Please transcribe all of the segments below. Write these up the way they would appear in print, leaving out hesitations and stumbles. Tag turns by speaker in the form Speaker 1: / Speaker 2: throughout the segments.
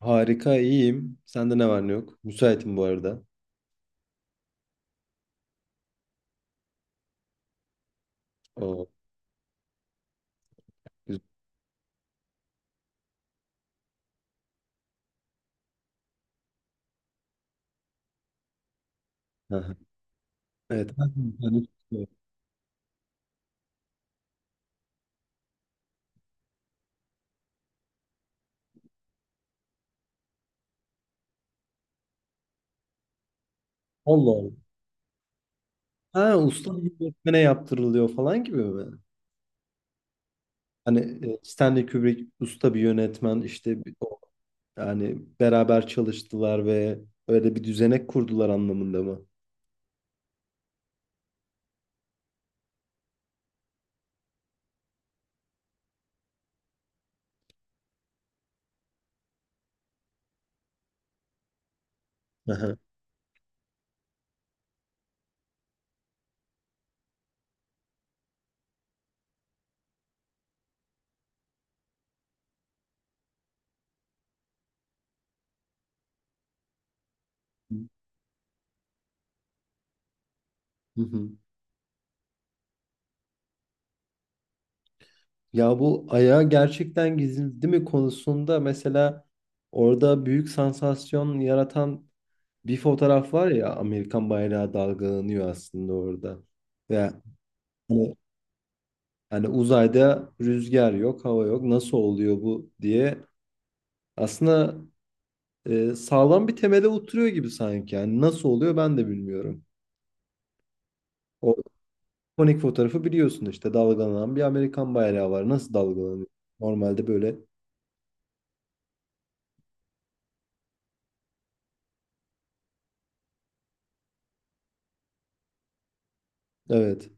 Speaker 1: Harika, iyiyim. Sende ne var ne yok? Müsaitim bu arada. Oo, güzel. Aha. Evet. Ha, Yani- Allah Allah. Ha, usta bir yönetmene yaptırılıyor falan gibi mi? Hani Stanley Kubrick usta bir yönetmen işte yani beraber çalıştılar ve öyle bir düzenek kurdular anlamında mı? Aha. Hı hı. Ya bu ayağı gerçekten gizli mi konusunda mesela orada büyük sansasyon yaratan bir fotoğraf var ya, Amerikan bayrağı dalgalanıyor aslında orada. Ve hani, uzayda rüzgar yok, hava yok. Nasıl oluyor bu diye aslında sağlam bir temele oturuyor gibi sanki. Yani nasıl oluyor ben de bilmiyorum. O ikonik fotoğrafı biliyorsun işte, dalgalanan bir Amerikan bayrağı var. Nasıl dalgalanıyor? Normalde böyle. Evet.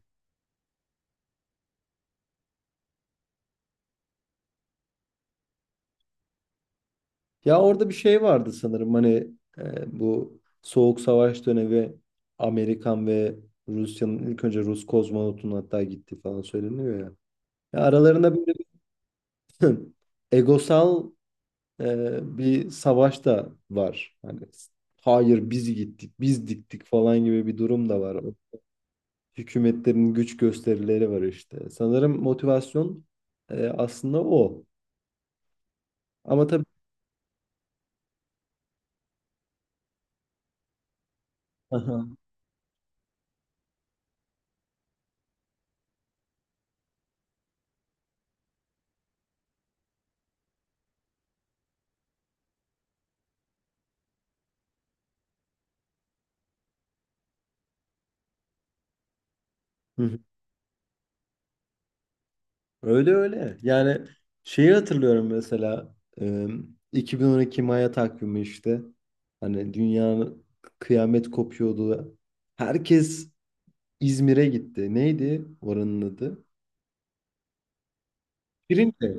Speaker 1: Ya orada bir şey vardı sanırım, hani bu Soğuk Savaş dönemi Amerikan ve Rusya'nın ilk önce Rus kozmonotun hatta gitti falan söyleniyor ya. Ya aralarında böyle bir egosal bir savaş da var. Hani hayır biz gittik, biz diktik falan gibi bir durum da var. Hükümetlerin güç gösterileri var işte. Sanırım motivasyon aslında o. Ama tabii. Aha. Öyle öyle. Yani şeyi hatırlıyorum mesela e, 2012 Maya takvimi işte. Hani dünya kıyamet kopuyordu. Herkes İzmir'e gitti. Neydi oranın adı? Şirince.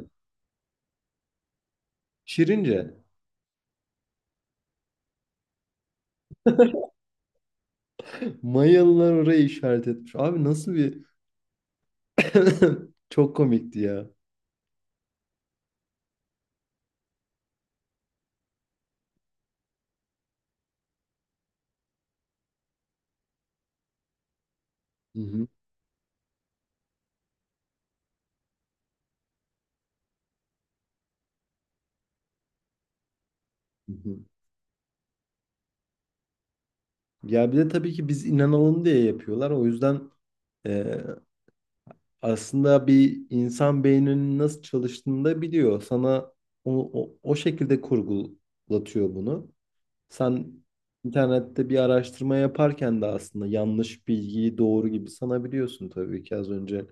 Speaker 1: Şirince. Mayalılar orayı işaret etmiş. Abi nasıl bir... Çok komikti ya. Hı hı. Hı hı. Ya bir de tabii ki biz inanalım diye yapıyorlar. O yüzden e, aslında bir insan beyninin nasıl çalıştığını da biliyor. Sana o şekilde kurgulatıyor bunu. Sen internette bir araştırma yaparken de aslında yanlış bilgiyi doğru gibi sanabiliyorsun, tabii ki az önce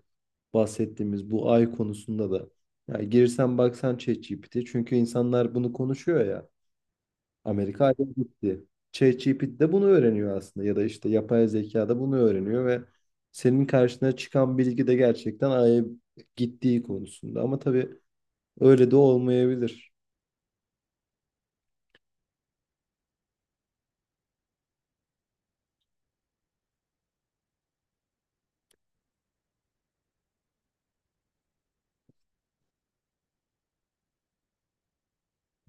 Speaker 1: bahsettiğimiz bu ay konusunda da. Yani girsen baksan ChatGPT, çünkü insanlar bunu konuşuyor ya. Amerika ayrı gitti. ChatGPT de bunu öğreniyor aslında, ya da işte yapay zeka da bunu öğreniyor ve senin karşına çıkan bilgi de gerçekten Ay'a gittiği konusunda. Ama tabii öyle de olmayabilir.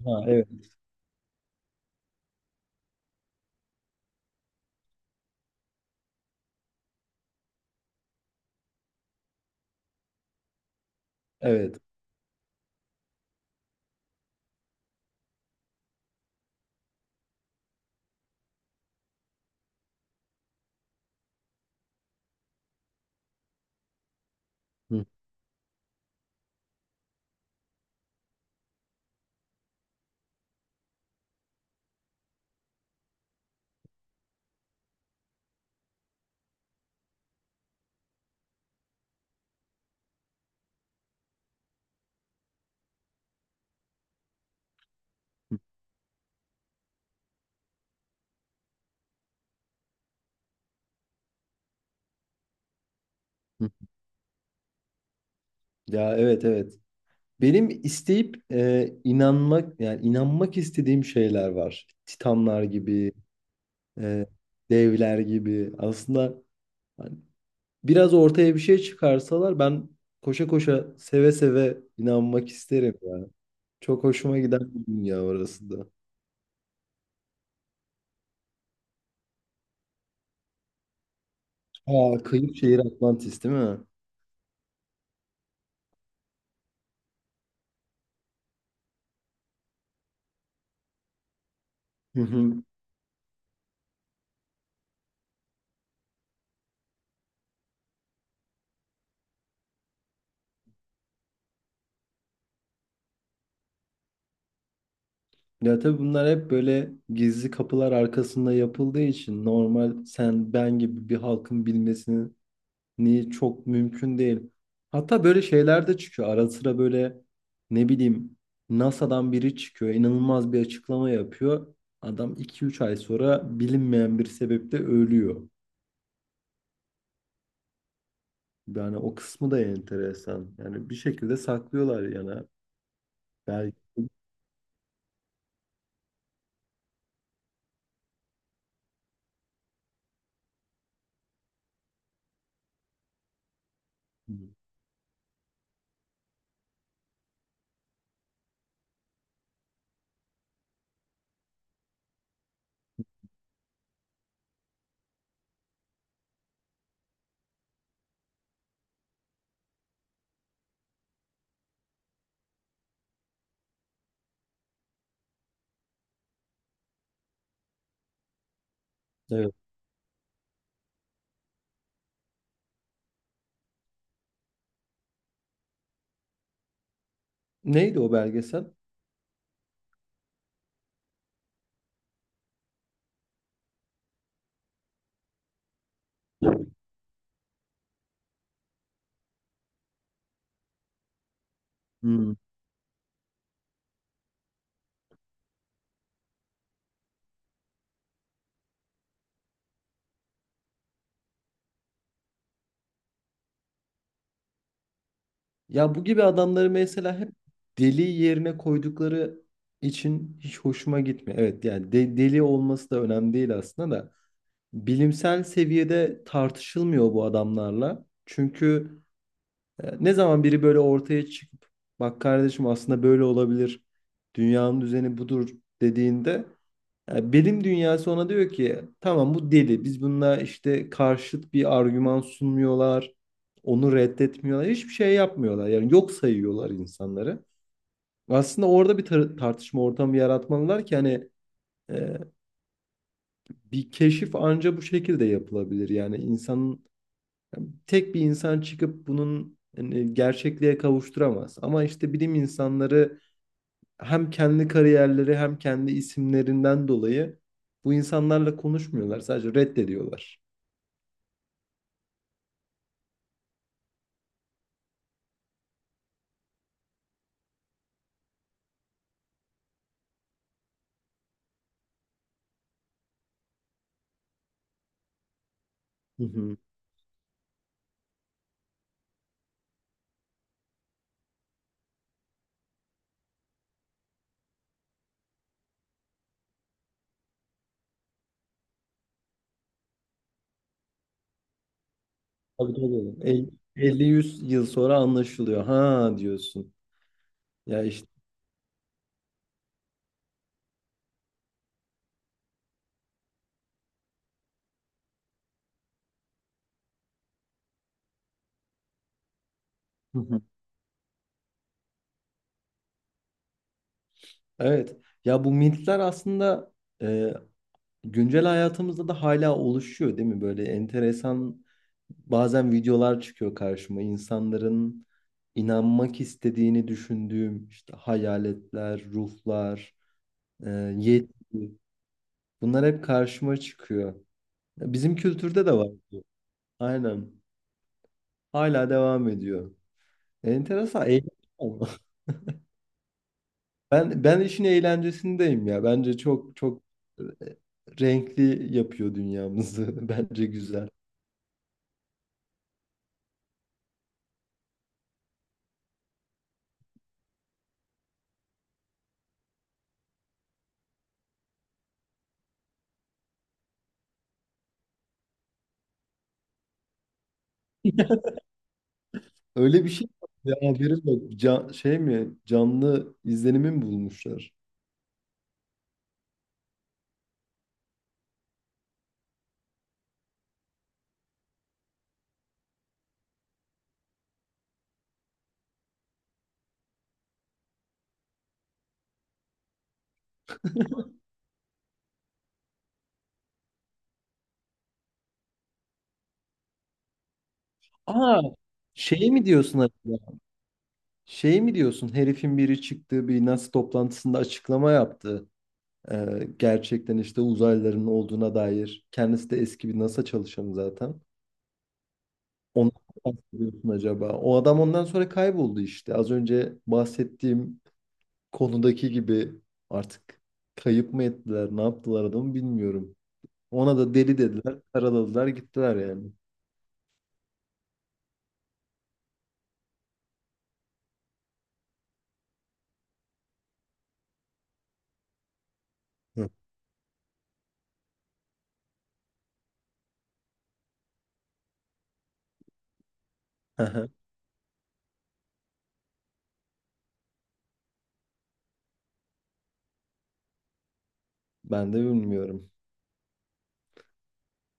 Speaker 1: Ha. Evet, evet. Hı, hı. Ya, evet, evet. Benim isteyip yani inanmak istediğim şeyler var. Titanlar gibi, e, devler gibi. Aslında biraz ortaya bir şey çıkarsalar ben koşa koşa seve seve inanmak isterim yani. Çok hoşuma giden bir dünya orası da. Aa, kıyı şehir Atlantis değil mi? Hı hı. Ya tabii bunlar hep böyle gizli kapılar arkasında yapıldığı için normal sen ben gibi bir halkın bilmesini çok mümkün değil. Hatta böyle şeyler de çıkıyor. Ara sıra böyle ne bileyim NASA'dan biri çıkıyor. İnanılmaz bir açıklama yapıyor. Adam iki üç ay sonra bilinmeyen bir sebeple ölüyor. Yani o kısmı da enteresan. Yani bir şekilde saklıyorlar yani. Belki. Evet. Neydi o belgesel? Hmm. Ya bu gibi adamları mesela hep deli yerine koydukları için hiç hoşuma gitmiyor. Evet, yani deli olması da önemli değil aslında da. Bilimsel seviyede tartışılmıyor bu adamlarla. Çünkü ne zaman biri böyle ortaya çıkıp bak kardeşim aslında böyle olabilir. Dünyanın düzeni budur dediğinde bilim dünyası ona diyor ki tamam, bu deli. Biz bununla işte karşıt bir argüman sunmuyorlar. Onu reddetmiyorlar. Hiçbir şey yapmıyorlar. Yani yok sayıyorlar insanları. Aslında orada bir tartışma ortamı yaratmalılar ki, hani e, bir keşif anca bu şekilde yapılabilir. Yani insanın tek bir insan çıkıp bunun, hani, gerçekliğe kavuşturamaz. Ama işte bilim insanları hem kendi kariyerleri hem kendi isimlerinden dolayı bu insanlarla konuşmuyorlar. Sadece reddediyorlar. Hı hı. Tabii, tabii. 50-100 yıl sonra anlaşılıyor. Ha, diyorsun. Ya işte. Hı hı. Evet. Ya bu mitler aslında e, güncel hayatımızda da hala oluşuyor değil mi? Böyle enteresan bazen videolar çıkıyor karşıma. İnsanların inanmak istediğini düşündüğüm işte, hayaletler, ruhlar, e, yetki, bunlar hep karşıma çıkıyor. Ya, bizim kültürde de var bu. Aynen. Hala devam ediyor. Enteresan. Eğlenceli ama. Ben işin eğlencesindeyim ya. Bence çok çok e, renkli yapıyor dünyamızı. Bence güzel. Öyle bir şey yok. Ya, haberim yok. Can, şey mi? Canlı izlenimi mi bulmuşlar? Aa, şey mi diyorsun acaba? Şey mi diyorsun? Herifin biri çıktığı bir NASA toplantısında açıklama yaptı. Gerçekten işte uzaylıların olduğuna dair. Kendisi de eski bir NASA çalışanı zaten. Ondan mı bahsediyorsun acaba? O adam ondan sonra kayboldu işte. Az önce bahsettiğim konudaki gibi artık kayıp mı ettiler, ne yaptılar adamı bilmiyorum. Ona da deli dediler. Karaladılar gittiler yani. Hı. Aha. Ben de bilmiyorum.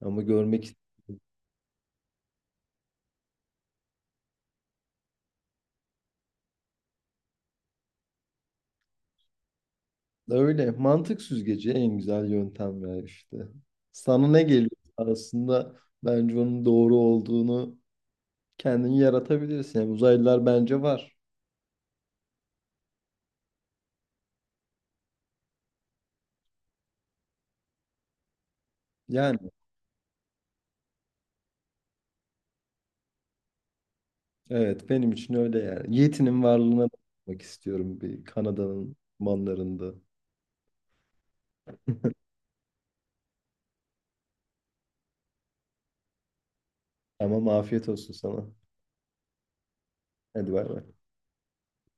Speaker 1: Ama görmek ist- Öyle. Mantık süzgeci en güzel yöntem ya işte. Sana ne geliyor aslında, bence onun doğru olduğunu kendin yaratabilirsin. Yani uzaylılar bence var. Yani evet, benim için öyle yani. Yeti'nin varlığına bakmak istiyorum bir Kanada'nın manlarında. Tamam, afiyet olsun sana. Hadi bay bay.